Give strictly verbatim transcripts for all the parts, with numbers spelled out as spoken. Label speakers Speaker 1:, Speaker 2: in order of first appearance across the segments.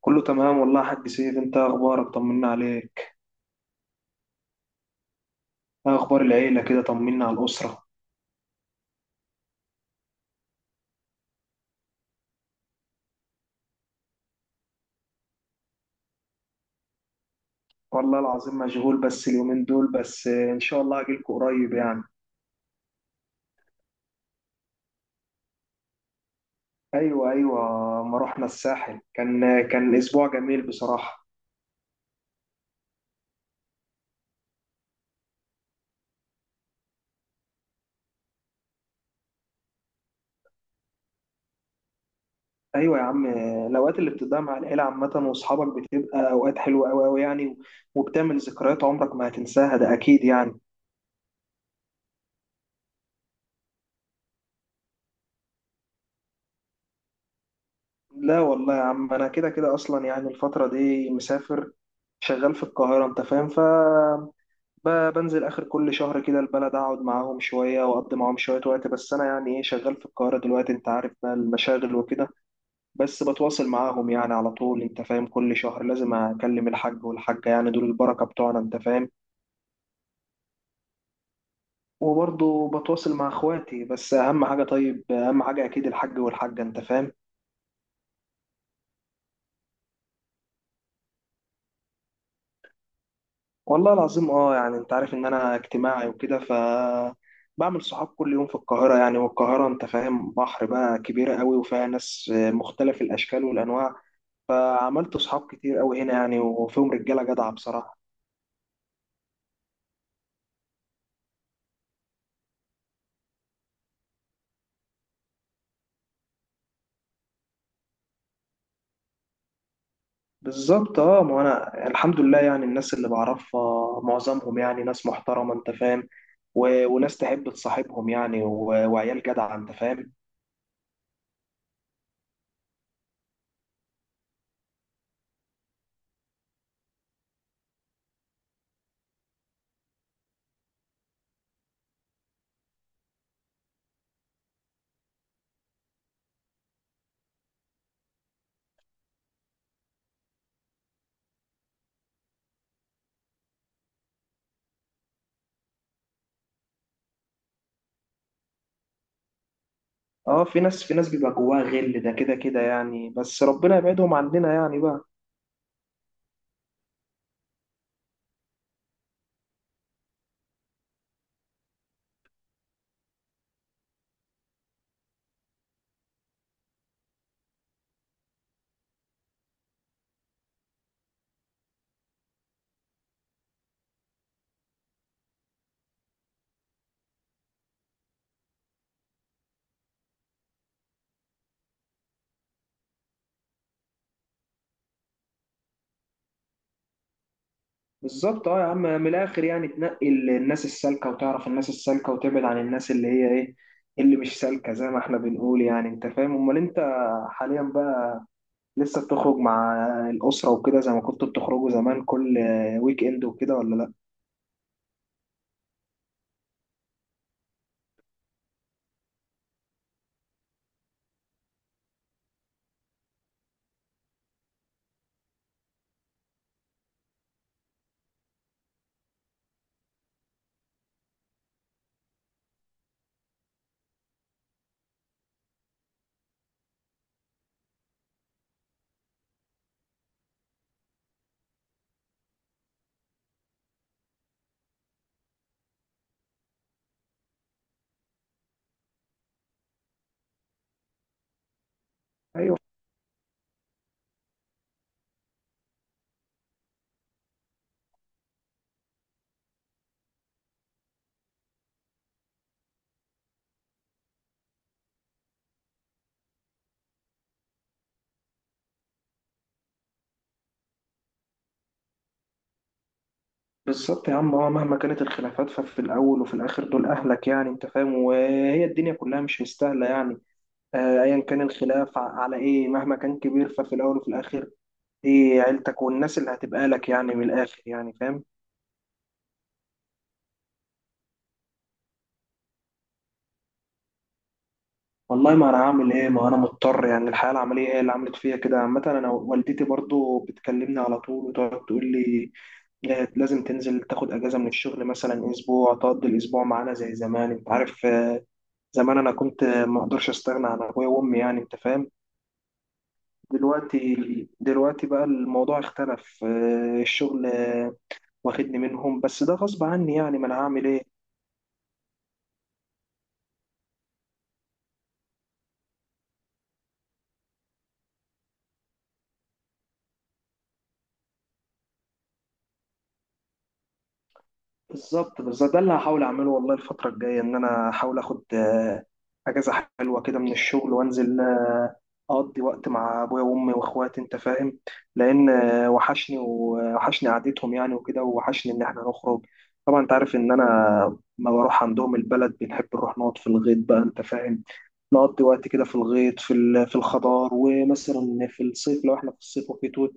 Speaker 1: كله تمام والله يا حاج سيف، انت إيه اخبارك؟ طمنا عليك. ايه اخبار العيله كده؟ طمنا على الاسره. والله العظيم مشغول بس اليومين دول، بس ان شاء الله اجيلكوا قريب يعني. ايوه، ايوه، ما رحنا الساحل، كان كان اسبوع جميل بصراحه. ايوه يا عم، الاوقات اللي بتضيع مع العيله عامه واصحابك بتبقى اوقات حلوه قوي قوي يعني، وبتعمل ذكريات عمرك ما هتنساها، ده اكيد يعني. لا والله يا عم، انا كده كده اصلا يعني الفتره دي مسافر، شغال في القاهره انت فاهم، ف ب- بنزل آخر كل شهر كده البلد، أقعد معاهم شوية وأقضي معاهم شوية وقت، بس أنا يعني إيه شغال في القاهرة دلوقتي، أنت عارف بقى المشاغل وكده. بس بتواصل معاهم يعني على طول، أنت فاهم، كل شهر لازم أكلم الحاج والحاجة، يعني دول البركة بتوعنا أنت فاهم. وبرضه بتواصل مع إخواتي، بس أهم حاجة، طيب أهم حاجة أكيد الحاج والحاجة أنت فاهم. والله العظيم أه، يعني أنت عارف إن أنا اجتماعي وكده، ف بعمل صحاب كل يوم في القاهرة يعني، والقاهرة أنت فاهم بحر بقى، كبيرة قوي وفيها ناس مختلف الأشكال والأنواع، فعملت صحاب كتير قوي هنا يعني، وفيهم رجاله جدعه بصراحه. بالظبط اه، ما انا الحمد لله يعني الناس اللي بعرفها معظمهم يعني ناس محترمه انت فاهم، و... وناس تحب تصاحبهم يعني، و... وعيال جدعه انت فاهم. اه في ناس، في ناس بيبقى جواها غل، ده كده كده يعني، بس ربنا يبعدهم عننا يعني بقى. بالظبط اه يا عم، من الاخر يعني تنقي ال- الناس السالكه، وتعرف الناس السالكه، وتبعد عن الناس اللي هي ايه، اللي مش سالكه زي ما احنا بنقول يعني انت فاهم. امال انت حاليا لسه بتخرج مع الأسرة وكده زي ما كنتوا بتخرجوا زمان كل ويك إند وكده ولا لأ؟ أيوه. بالظبط يا عم اه، مهما كانت الخلافات ففي الأول وفي الآخر دول أهلك يعني أنت فاهم، وهي الدنيا كلها مش مستاهلة يعني. آه، أيا كان الخلاف ع- على إيه، مهما كان كبير ففي الأول وفي الآخر دي عيلتك، والناس اللي هتبقى لك يعني من الآخر يعني، فاهم؟ والله ما أنا هعمل إيه، ما أنا مضطر يعني، الحياة العملية هي اللي عملت فيا كده عامة. أنا والدتي برضو بتكلمني على طول وتقعد تقول لي، آه، لازم تنزل تاخد اجازه من الشغل مثلا اسبوع تقضي الاسبوع معانا زي زمان انت عارف. آه، زمان انا كنت آه، ما اقدرش استغنى عن ابويا وامي يعني انت فاهم. دلوقتي، دلوقتي بقى الموضوع اختلف، آه، الشغل آه، واخدني منهم، بس ده غصب عني يعني، ما انا هعمل ايه. بالظبط، بس ده اللي هحاول اعمله والله، الفتره الجايه ان انا احاول اخد آه، اجازه حلوه كده من الشغل، وانزل آه، اقضي وقت مع ابويا وامي واخواتي انت فاهم، لان آه، وحشني ووحشني قعدتهم يعني، وكده ووحشني ان احنا نخرج. طبعا انت عارف ان انا ما بروح عندهم البلد بنحب نروح نقعد في الغيط بقى انت فاهم، نقضي وقت كده في الغيط، في ال- في الخضار، ومثلا في الصيف لو احنا في الصيف وفي توت،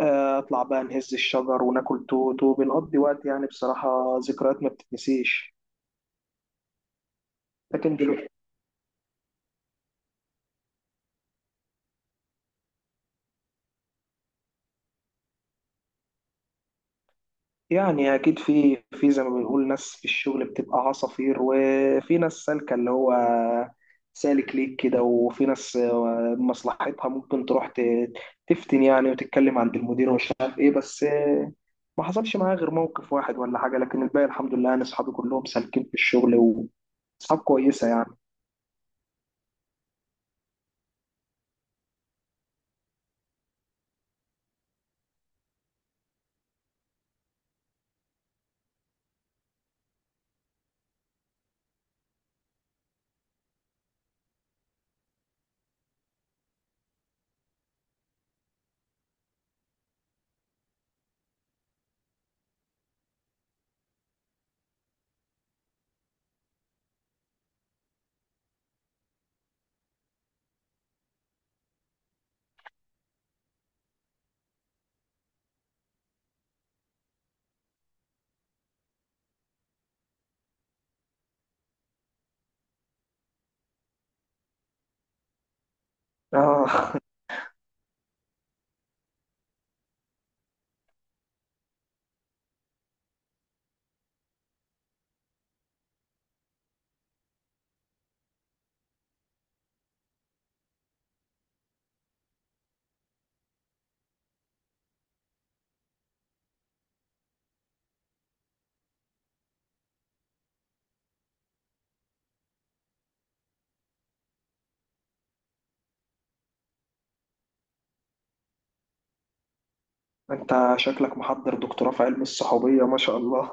Speaker 1: آه، اطلع بقى نهز الشجر وناكل توت، وبنقضي وقت يعني بصراحة ذكريات ما بتتنسيش. لكن دلوقتي يعني اكيد، في في زي ما بنقول ناس في الشغل بتبقى عصافير، وفي ناس سالكة اللي هو سالك ليك كده، وفي ناس آه، مصلحتها ممكن تروح ت- تفتن يعني وتتكلم عند المدير ومش عارف ايه، بس آه، ما حصلش معايا غير موقف واحد ولا حاجة، لكن الباقي الحمد لله انا اصحابي كلهم سالكين في الشغل واصحاب كويسة يعني. اه، انت شكلك محضر دكتوراه في علم الصحوبية ما شاء الله.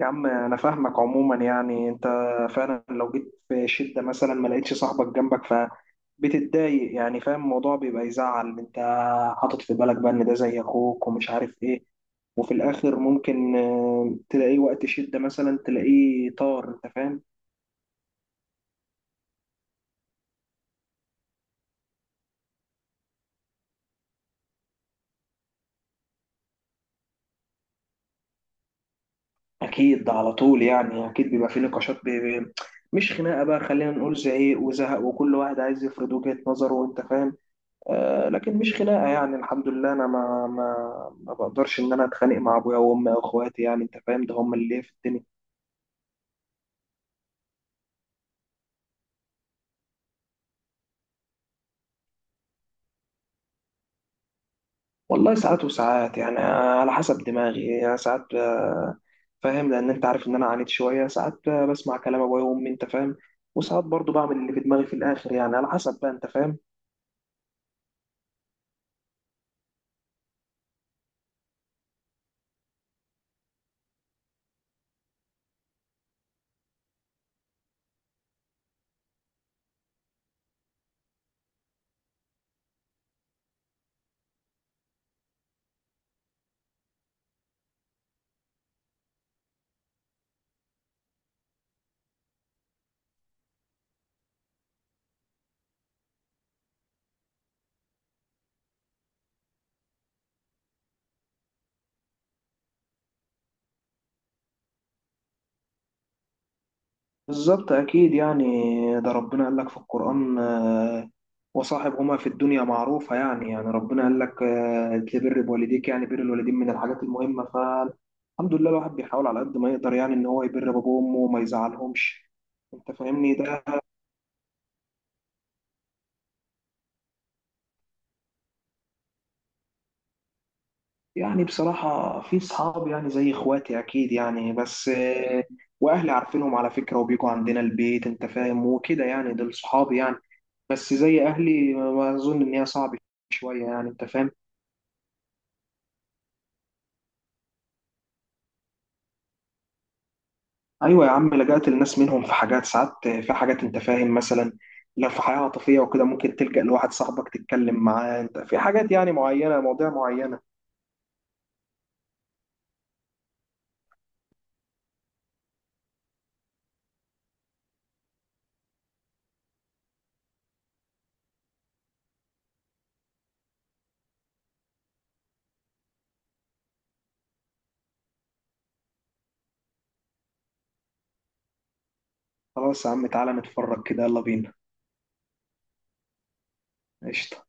Speaker 1: يا عم انا فاهمك عموما، يعني انت فعلا لو جيت في شدة مثلا ما لقيتش صاحبك جنبك، فبتتضايق يعني، فاهم الموضوع بيبقى يزعل، انت حاطط في بالك بقى ان ده زي اخوك ومش عارف ايه، وفي الاخر ممكن آه، تلاقيه وقت شدة مثلا تلاقيه طار انت فاهم. اكيد، ده على طول يعني، اكيد بيبقى في نقاشات بي- بي- مش خناقة بقى، خلينا نقول زعيق وزهق، وكل واحد عايز يفرض وجهة نظره وانت فاهم. آه، لكن مش خناقه يعني، الحمد لله انا ما ما ما بقدرش ان انا اتخانق مع ابويا وامي او اخواتي يعني انت فاهم، ده هم اللي في الدنيا. والله ساعات وساعات يعني آه، على حسب دماغي يعني، ساعات آه، فاهم، لان انت عارف ان انا عانيت شويه، ساعات آه، بسمع كلام ابويا وامي انت فاهم، وساعات برضو بعمل اللي في دماغي في الاخر يعني على حسب بقى انت فاهم. بالظبط أكيد يعني، ده ربنا قال لك في القرآن آه، وصاحبهما في الدنيا معروفة يعني، يعني ربنا قال لك آه، تبر بوالديك، يعني بر الوالدين من الحاجات المهمة، فالحمد لله الواحد بيحاول على قد ما يقدر يعني إن هو يبر بابه وأمه وما يزعلهمش، أنت فاهمني ده. يعني بصراحة في صحاب يعني زي إخواتي أكيد يعني، بس آه، وأهلي عارفينهم على فكرة وبيجوا عندنا البيت أنت فاهم وكده، يعني دول صحابي يعني، بس زي أهلي ما أظن، إن هي صعب شوية يعني أنت فاهم. ايوه يا عم، لجأت للناس منهم في حاجات، ساعات في حاجات انت فاهم، مثلا لو في حياه عاطفيه وكده ممكن تلجأ لواحد صاحبك تتكلم معاه انت في حاجات يعني معينه، مواضيع معينه. خلاص يا عم، تعالى نتفرج كده، يلا بينا. قشطه.